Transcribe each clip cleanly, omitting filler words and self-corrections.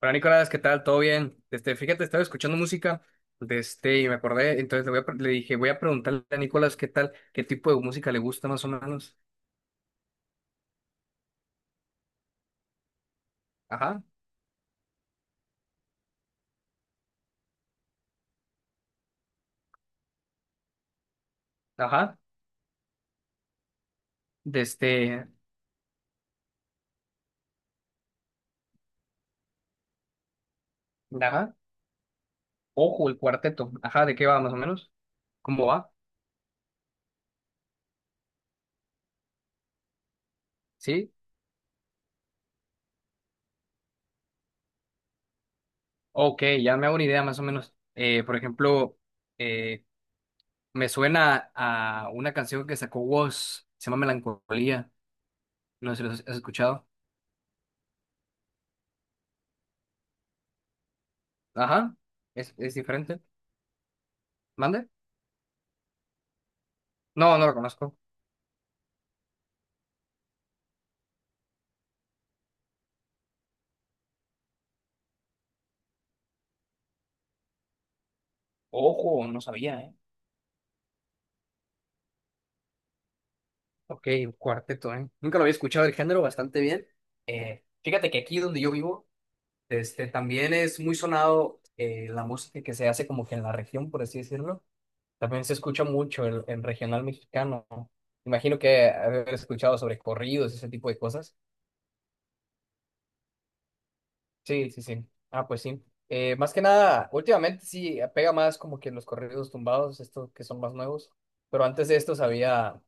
Hola Nicolás, ¿qué tal? ¿Todo bien? Fíjate, estaba escuchando música, y me acordé, entonces voy a le dije, voy a preguntarle a Nicolás qué tal, qué tipo de música le gusta más o menos. Ajá, ajá, de este, ajá, ojo, el cuarteto, ajá, ¿de qué va más o menos? ¿Cómo va? ¿Sí? Ok, ya me hago una idea más o menos. Por ejemplo, eh, me suena a una canción que sacó Woz, se llama Melancolía, no sé si lo has escuchado. Ajá, es diferente. ¿Mande? No, no lo conozco. Ojo, no sabía, ¿eh? Ok, un cuarteto, ¿eh? Nunca lo había escuchado el género bastante bien. Fíjate que aquí donde yo vivo, también es muy sonado la música que se hace como que en la región, por así decirlo. También se escucha mucho el regional mexicano. Imagino que haber escuchado sobre corridos, ese tipo de cosas. Sí, sí, sí. Ah, pues sí. Más que nada, últimamente sí pega más como que los corridos tumbados, estos que son más nuevos. Pero antes de esto había.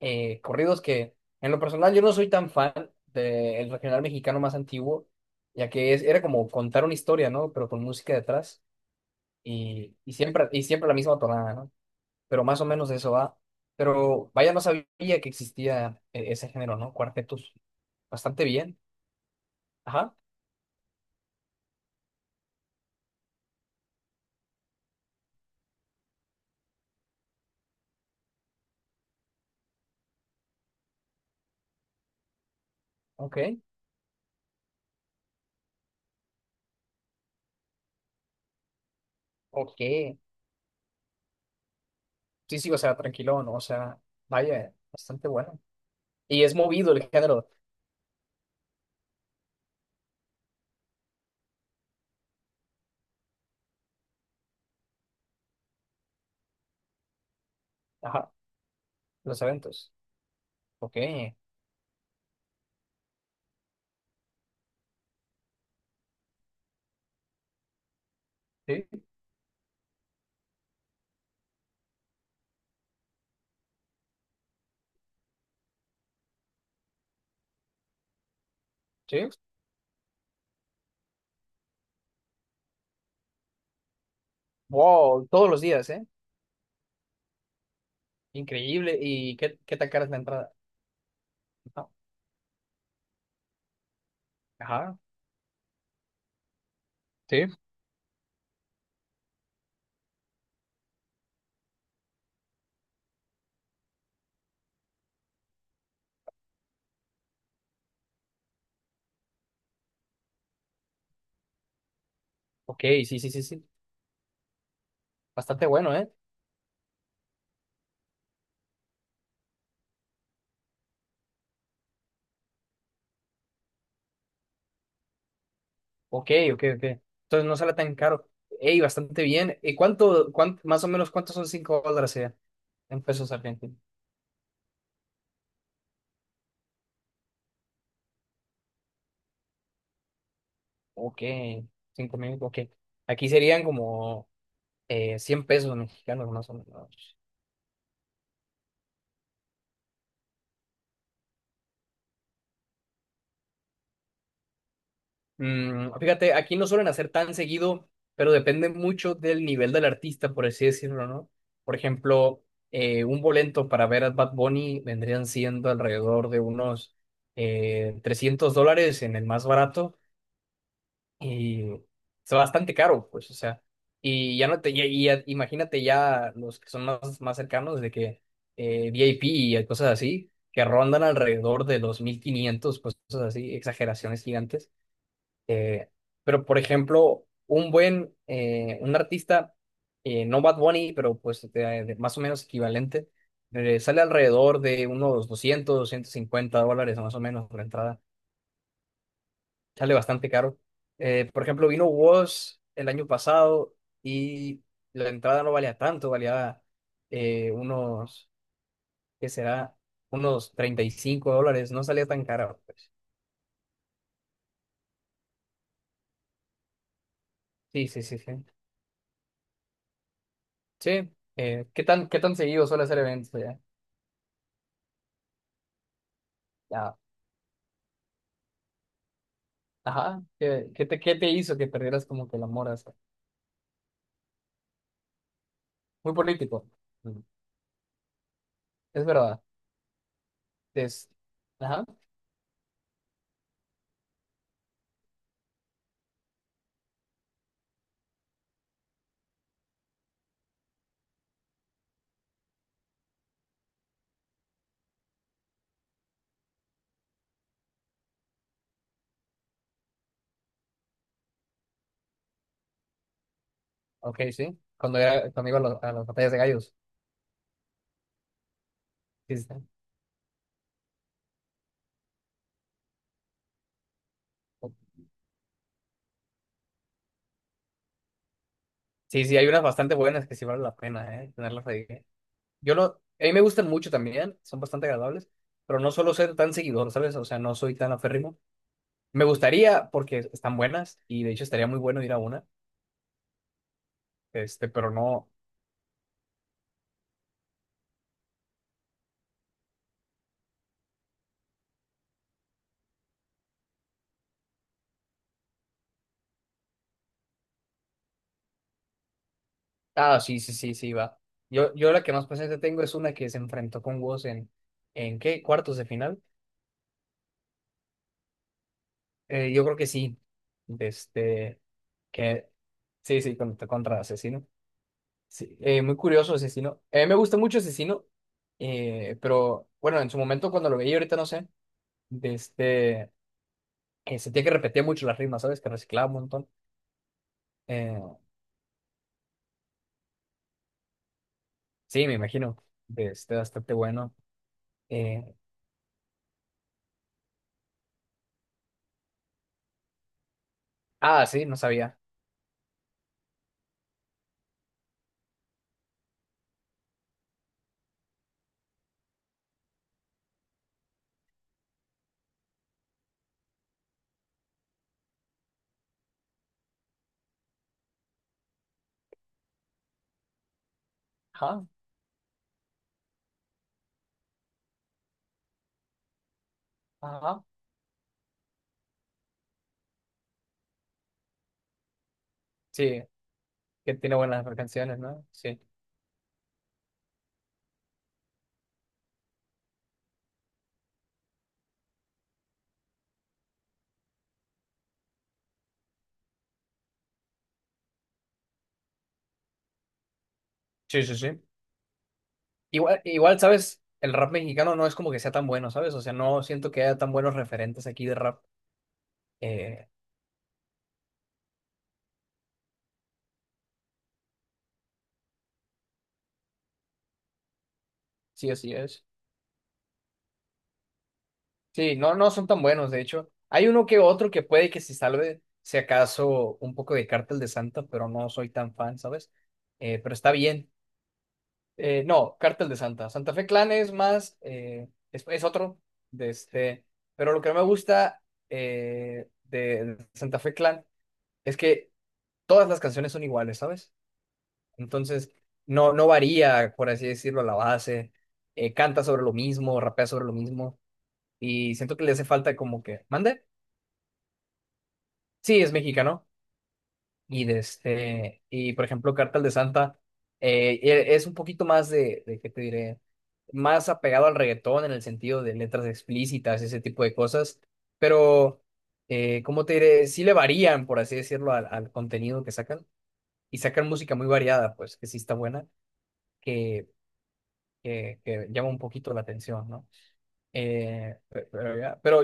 eh, corridos que en lo personal yo no soy tan fan del regional mexicano más antiguo, ya que era como contar una historia, ¿no? Pero con música detrás y siempre la misma tonada, ¿no? Pero más o menos de eso va. Pero vaya, no sabía que existía ese género, ¿no? Cuartetos. Bastante bien. Ajá, ok, ok. Sí, sí, o sea, tranquilo, ¿no? O sea, vaya, bastante bueno. Y es movido el género. Ajá, los eventos. Ok, sí, sí. Wow, todos los días, ¿eh? Increíble. ¿Y qué tan cara es la entrada? Ah, ajá. Sí. Ok, sí, sí, sí, sí. Bastante bueno, ¿eh? Ok, ok, ok. Entonces no sale tan caro. Ey, bastante bien. ¿Y más o menos cuántos son $5 en pesos argentinos? Ok, 5000, ok. Aquí serían como 100 pesos mexicanos, más o menos. Fíjate, aquí no suelen hacer tan seguido, pero depende mucho del nivel del artista, por así decirlo, ¿no? Por ejemplo, un boleto para ver a Bad Bunny vendrían siendo alrededor de unos $300 en el más barato y es bastante caro, pues, o sea, y ya no te, ya- y ya- imagínate ya los que son más cercanos de que VIP y cosas así, que rondan alrededor de los 1500 pues, cosas así, exageraciones gigantes. Eh, pero, por ejemplo, un artista, no Bad Bunny, pero pues de más o menos equivalente, sale alrededor de unos $250 más o menos por entrada. Sale bastante caro. Por ejemplo, vino Woz el año pasado y la entrada no valía tanto, valía unos, ¿qué será? Unos $35, no salía tan caro, pues. Sí, sí, sí, sí. Sí, qué tan seguido suele hacer eventos allá? Ajá, qué te hizo que perdieras como que el amor a eso? Muy político. Mm. Es verdad. Es... Ajá, ok, sí. Cuando iba a las batallas de gallos. Sí, sí, sí, sí, hay unas bastante buenas que sí vale la pena, ¿eh? Tenerlas ahí. ¿Eh? Yo lo... A mí me gustan mucho también, son bastante agradables, pero no suelo ser tan seguidor, ¿sabes? O sea, no soy tan aférrimo. Me gustaría porque están buenas y de hecho estaría muy bueno ir a una, pero no. Ah, sí, sí, sí, sí, va. Yo la que más presente tengo es una que se enfrentó con Woz ¿en qué? ¿Cuartos de final? Yo creo que sí. de Este, que, sí, sí, contra Asesino. Sí, muy curioso Asesino. A mí me gusta mucho Asesino, pero bueno, en su momento cuando lo veía, ahorita no sé, de este, sentía que repetía mucho las rimas, ¿sabes? Que reciclaba un montón. Eh, sí, me imagino, bastante bueno. Eh, ah, sí, no sabía. Ajá, ajá. Sí, que tiene buenas canciones, ¿no? Sí. Sí, sí, sí. Igual, igual, ¿sabes? El rap mexicano no es como que sea tan bueno, ¿sabes? O sea, no siento que haya tan buenos referentes aquí de rap. Eh, sí, así es. Sí, no, no son tan buenos, de hecho. Hay uno que otro que puede que se salve, si acaso, un poco de Cártel de Santa, pero no soy tan fan, ¿sabes? Pero está bien. No, Cártel de Santa. Santa Fe Clan es más, es otro de este. Pero lo que no me gusta de Santa Fe Clan es que todas las canciones son iguales, ¿sabes? Entonces, no, no varía, por así decirlo, la base. Canta sobre lo mismo, rapea sobre lo mismo. Y siento que le hace falta como que, ¿mande? Sí, es mexicano. Y por ejemplo, Cartel de Santa es un poquito más de, ¿qué te diré? Más apegado al reggaetón en el sentido de letras explícitas, ese tipo de cosas. Pero, ¿cómo te diré? Sí le varían, por así decirlo, al contenido que sacan. Y sacan música muy variada, pues, que sí está buena. que, que llama un poquito la atención, ¿no? Pero,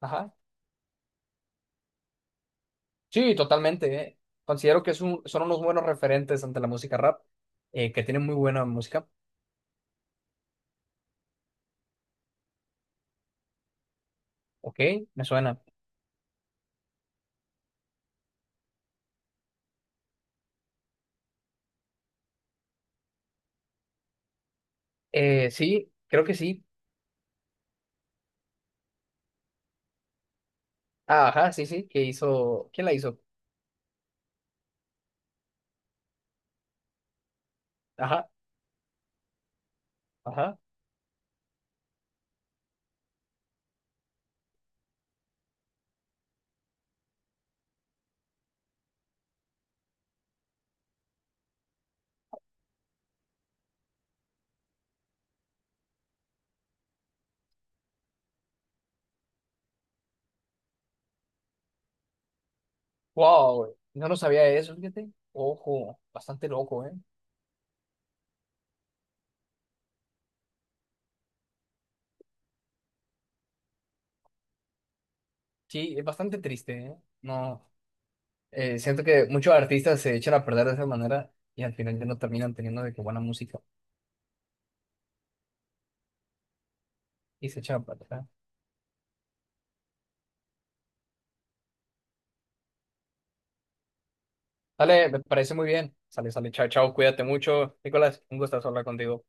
ajá, sí, totalmente. Considero que son unos buenos referentes ante la música rap, que tienen muy buena música. Ok, me suena. Sí, creo que sí. Ah, ajá, sí, sí, que hizo, ¿quién la hizo? Ajá, ajá. Wow, no lo sabía eso, fíjate. Ojo, bastante loco, ¿eh? Sí, es bastante triste, ¿eh? No. Siento que muchos artistas se echan a perder de esa manera y al final ya no terminan teniendo de qué buena música y se echan a perder. Dale, me parece muy bien. Sale, sale, chao, chao, cuídate mucho. Nicolás, un gusto hablar contigo.